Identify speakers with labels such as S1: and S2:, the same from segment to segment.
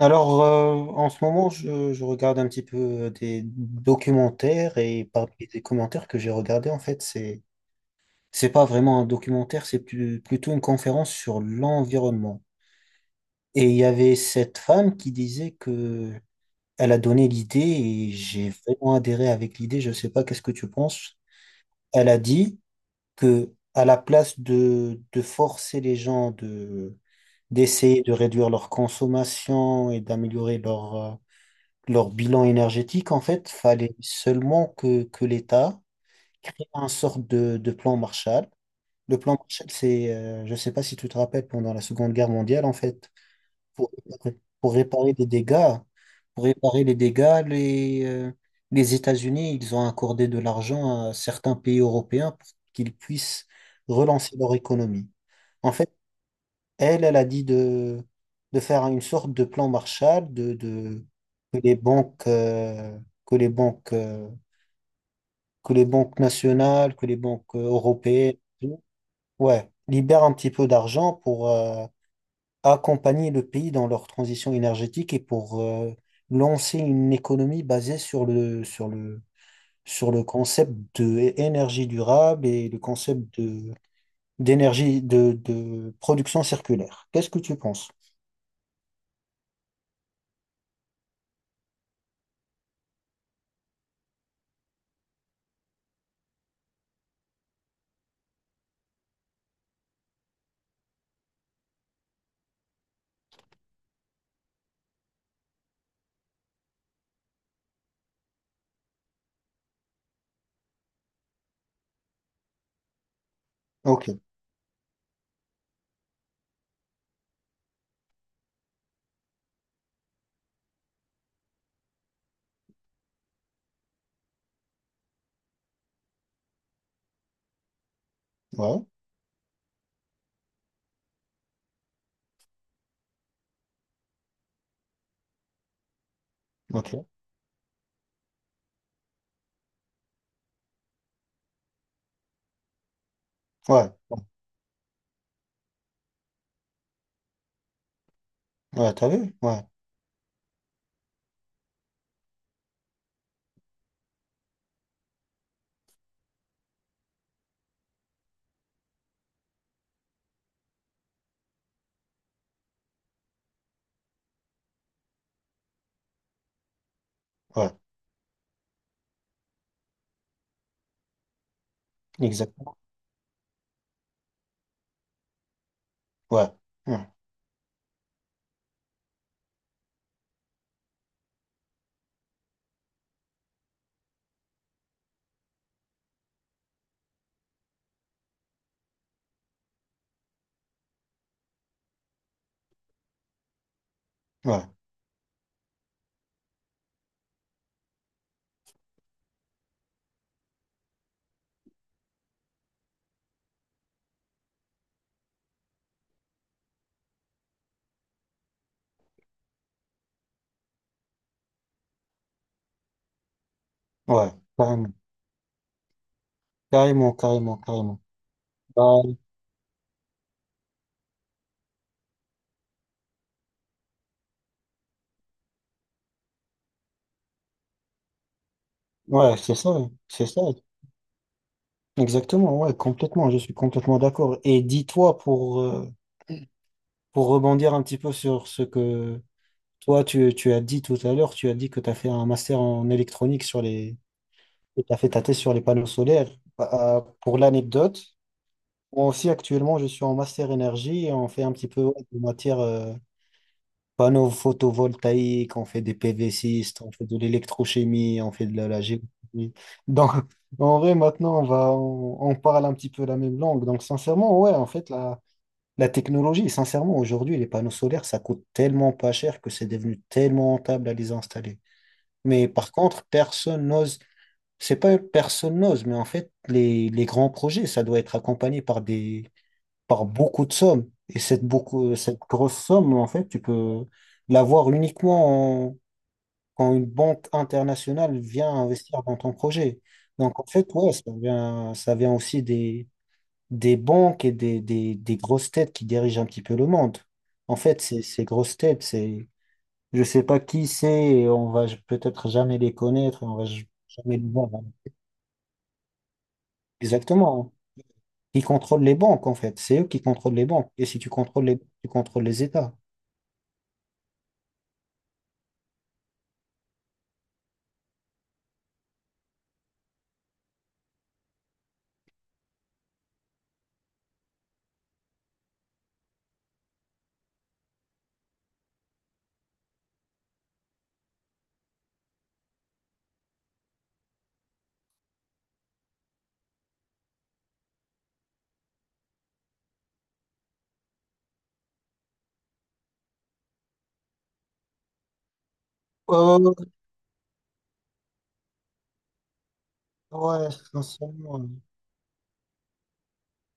S1: En ce moment, je regarde un petit peu des documentaires et parmi les commentaires que j'ai regardés, en fait, c'est pas vraiment un documentaire, plutôt une conférence sur l'environnement. Et il y avait cette femme qui disait que elle a donné l'idée et j'ai vraiment adhéré avec l'idée. Je sais pas, qu'est-ce que tu penses? Elle a dit que à la place de forcer les gens de, d'essayer de réduire leur consommation et d'améliorer leur, leur bilan énergétique, en fait, fallait seulement que l'État crée un sorte de plan Marshall. Le plan Marshall, c'est, je ne sais pas si tu te rappelles, pendant la Seconde Guerre mondiale, en fait, pour réparer les dégâts, pour réparer les dégâts, les, les États-Unis, ils ont accordé de l'argent à certains pays européens pour qu'ils puissent relancer leur économie. En fait, elle a dit de faire une sorte de plan Marshall, que les banques, que les banques, que les banques nationales, que les banques européennes, tout, ouais, libèrent un petit peu d'argent pour accompagner le pays dans leur transition énergétique et pour lancer une économie basée sur le concept de énergie durable et le concept de, de production circulaire. Qu'est-ce que tu penses? Ok, ouais. Ok. Ouais. Ouais, t'as vu? Ouais. Ouais. Exactement. Ouais. Ouais. Ouais. Ouais. Carrément. Carrément, carrément, carrément. Bah, ouais, c'est ça. C'est ça. Exactement. Ouais, complètement. Je suis complètement d'accord. Et dis-toi pour, pour rebondir un petit peu sur ce que toi, tu as dit tout à l'heure, tu as dit que tu as fait un master en électronique sur les, et tu as fait ta thèse sur les panneaux solaires. Bah, pour l'anecdote, moi aussi, actuellement, je suis en master énergie et on fait un petit peu ouais, de matière. Panneaux photovoltaïques, on fait des pv, on fait de l'électrochimie, on fait la géochimie. Donc, en vrai, maintenant, on parle un petit peu la même langue. Donc, sincèrement, ouais, en fait, la technologie, sincèrement, aujourd'hui, les panneaux solaires, ça coûte tellement pas cher que c'est devenu tellement rentable à les installer. Mais par contre, personne n'ose, c'est pas personne n'ose, mais en fait, les grands projets, ça doit être accompagné par des, par beaucoup de sommes. Et cette, beaucoup, cette grosse somme, en fait, tu peux l'avoir uniquement en- quand une banque internationale vient investir dans ton projet. Donc, en fait, ouais, ça vient aussi des banques et des grosses têtes qui dirigent un petit peu le monde. En fait, ces grosses têtes, c'est, je sais pas qui c'est, et on va peut-être jamais les connaître, et on va jamais les voir. Exactement. Qui contrôlent les banques, en fait. C'est eux qui contrôlent les banques. Et si tu contrôles les, tu contrôles les États. Euh, ouais, sincèrement.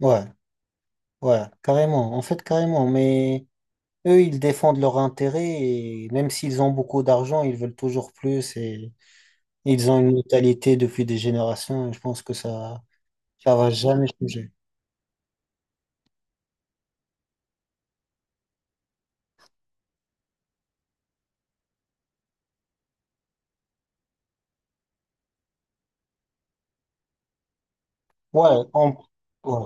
S1: Ouais, ouais, carrément. En fait, carrément. Mais eux, ils défendent leurs intérêts et même s'ils ont beaucoup d'argent, ils veulent toujours plus et ils ont une mentalité depuis des générations et je pense que ça va jamais changer. Ouais, en- ouais,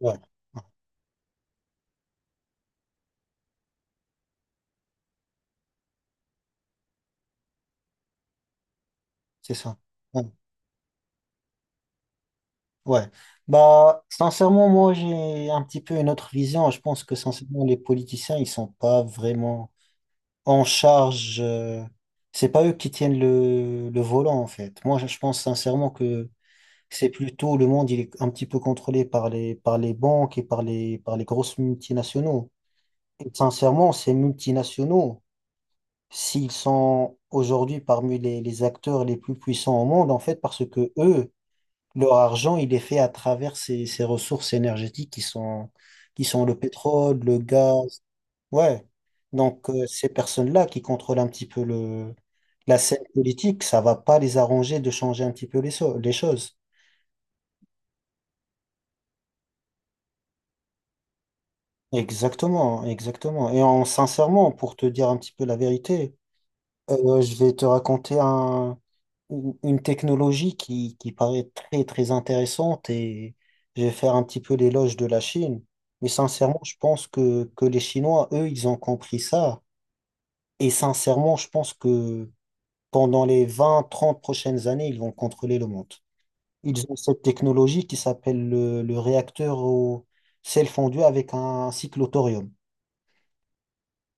S1: ouais. C'est ça. Ouais. Ouais. Bah, sincèrement, moi, j'ai un petit peu une autre vision. Je pense que, sincèrement, les politiciens, ils sont pas vraiment en charge. C'est pas eux qui tiennent le volant, en fait. Moi, je pense sincèrement que c'est plutôt le monde, il est un petit peu contrôlé par les banques et par les grosses multinationaux. Et sincèrement, ces multinationaux, s'ils sont aujourd'hui parmi les acteurs les plus puissants au monde, en fait, parce que eux, leur argent, il est fait à travers ces, ces ressources énergétiques qui sont le pétrole, le gaz. Ouais. Donc, ces personnes-là qui contrôlent un petit peu la scène politique, ça va pas les arranger de changer un petit peu les choses. Exactement, exactement. Et en, sincèrement, pour te dire un petit peu la vérité, je vais te raconter une technologie qui paraît très très intéressante et je vais faire un petit peu l'éloge de la Chine. Mais sincèrement, je pense que les Chinois, eux, ils ont compris ça. Et sincèrement, je pense que pendant les 20-30 prochaines années, ils vont contrôler le monde. Ils ont cette technologie qui s'appelle le réacteur au sel fondu avec un cycle au thorium.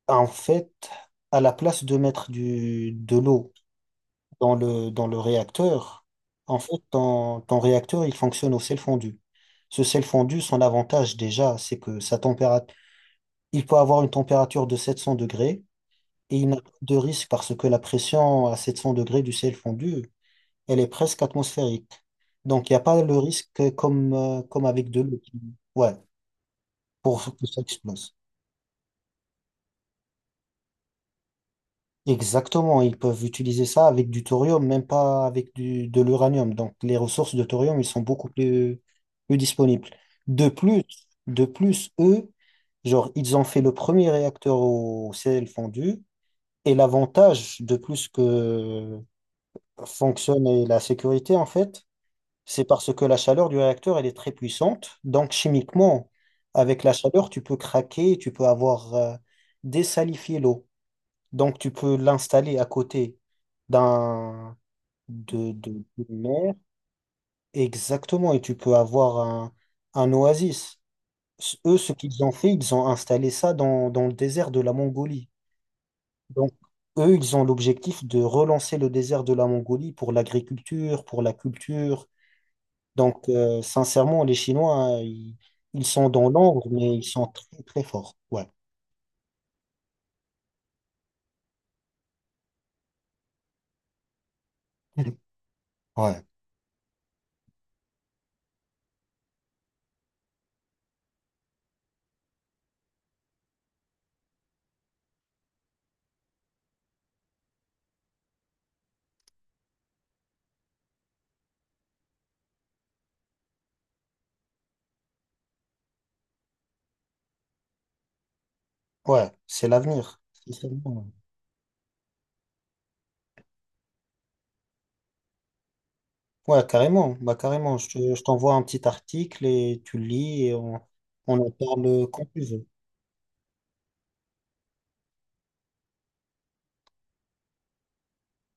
S1: En fait, à la place de mettre du, de l'eau, dans le réacteur, en fait, ton réacteur, il fonctionne au sel fondu. Ce sel fondu, son avantage déjà, c'est que sa température, il peut avoir une température de 700 degrés et il n'a pas de risque parce que la pression à 700 degrés du sel fondu, elle est presque atmosphérique. Donc, il n'y a pas le risque comme avec de l'eau. Ouais, pour que ça explose. Exactement, ils peuvent utiliser ça avec du thorium, même pas avec du, de l'uranium. Donc les ressources de thorium, ils sont beaucoup plus, plus disponibles. De plus, de plus, eux, genre, ils ont fait le premier réacteur au sel fondu. Et l'avantage de plus que fonctionne et la sécurité, en fait, c'est parce que la chaleur du réacteur, elle est très puissante. Donc chimiquement, avec la chaleur, tu peux craquer, tu peux avoir désalifié l'eau. Donc, tu peux l'installer à côté d'un d'une mer. Exactement. Et tu peux avoir un oasis. Eux, ce qu'ils ont fait, ils ont installé ça dans le désert de la Mongolie. Donc, eux, ils ont l'objectif de relancer le désert de la Mongolie pour l'agriculture, pour la culture. Donc, sincèrement, les Chinois, ils sont dans l'ombre, mais ils sont très, très forts. Ouais. Ouais. Ouais. C'est l'avenir. C'est ça. Ouais, carrément. Bah, carrément. Je t'envoie un petit article et tu le lis et on en parle quand tu veux.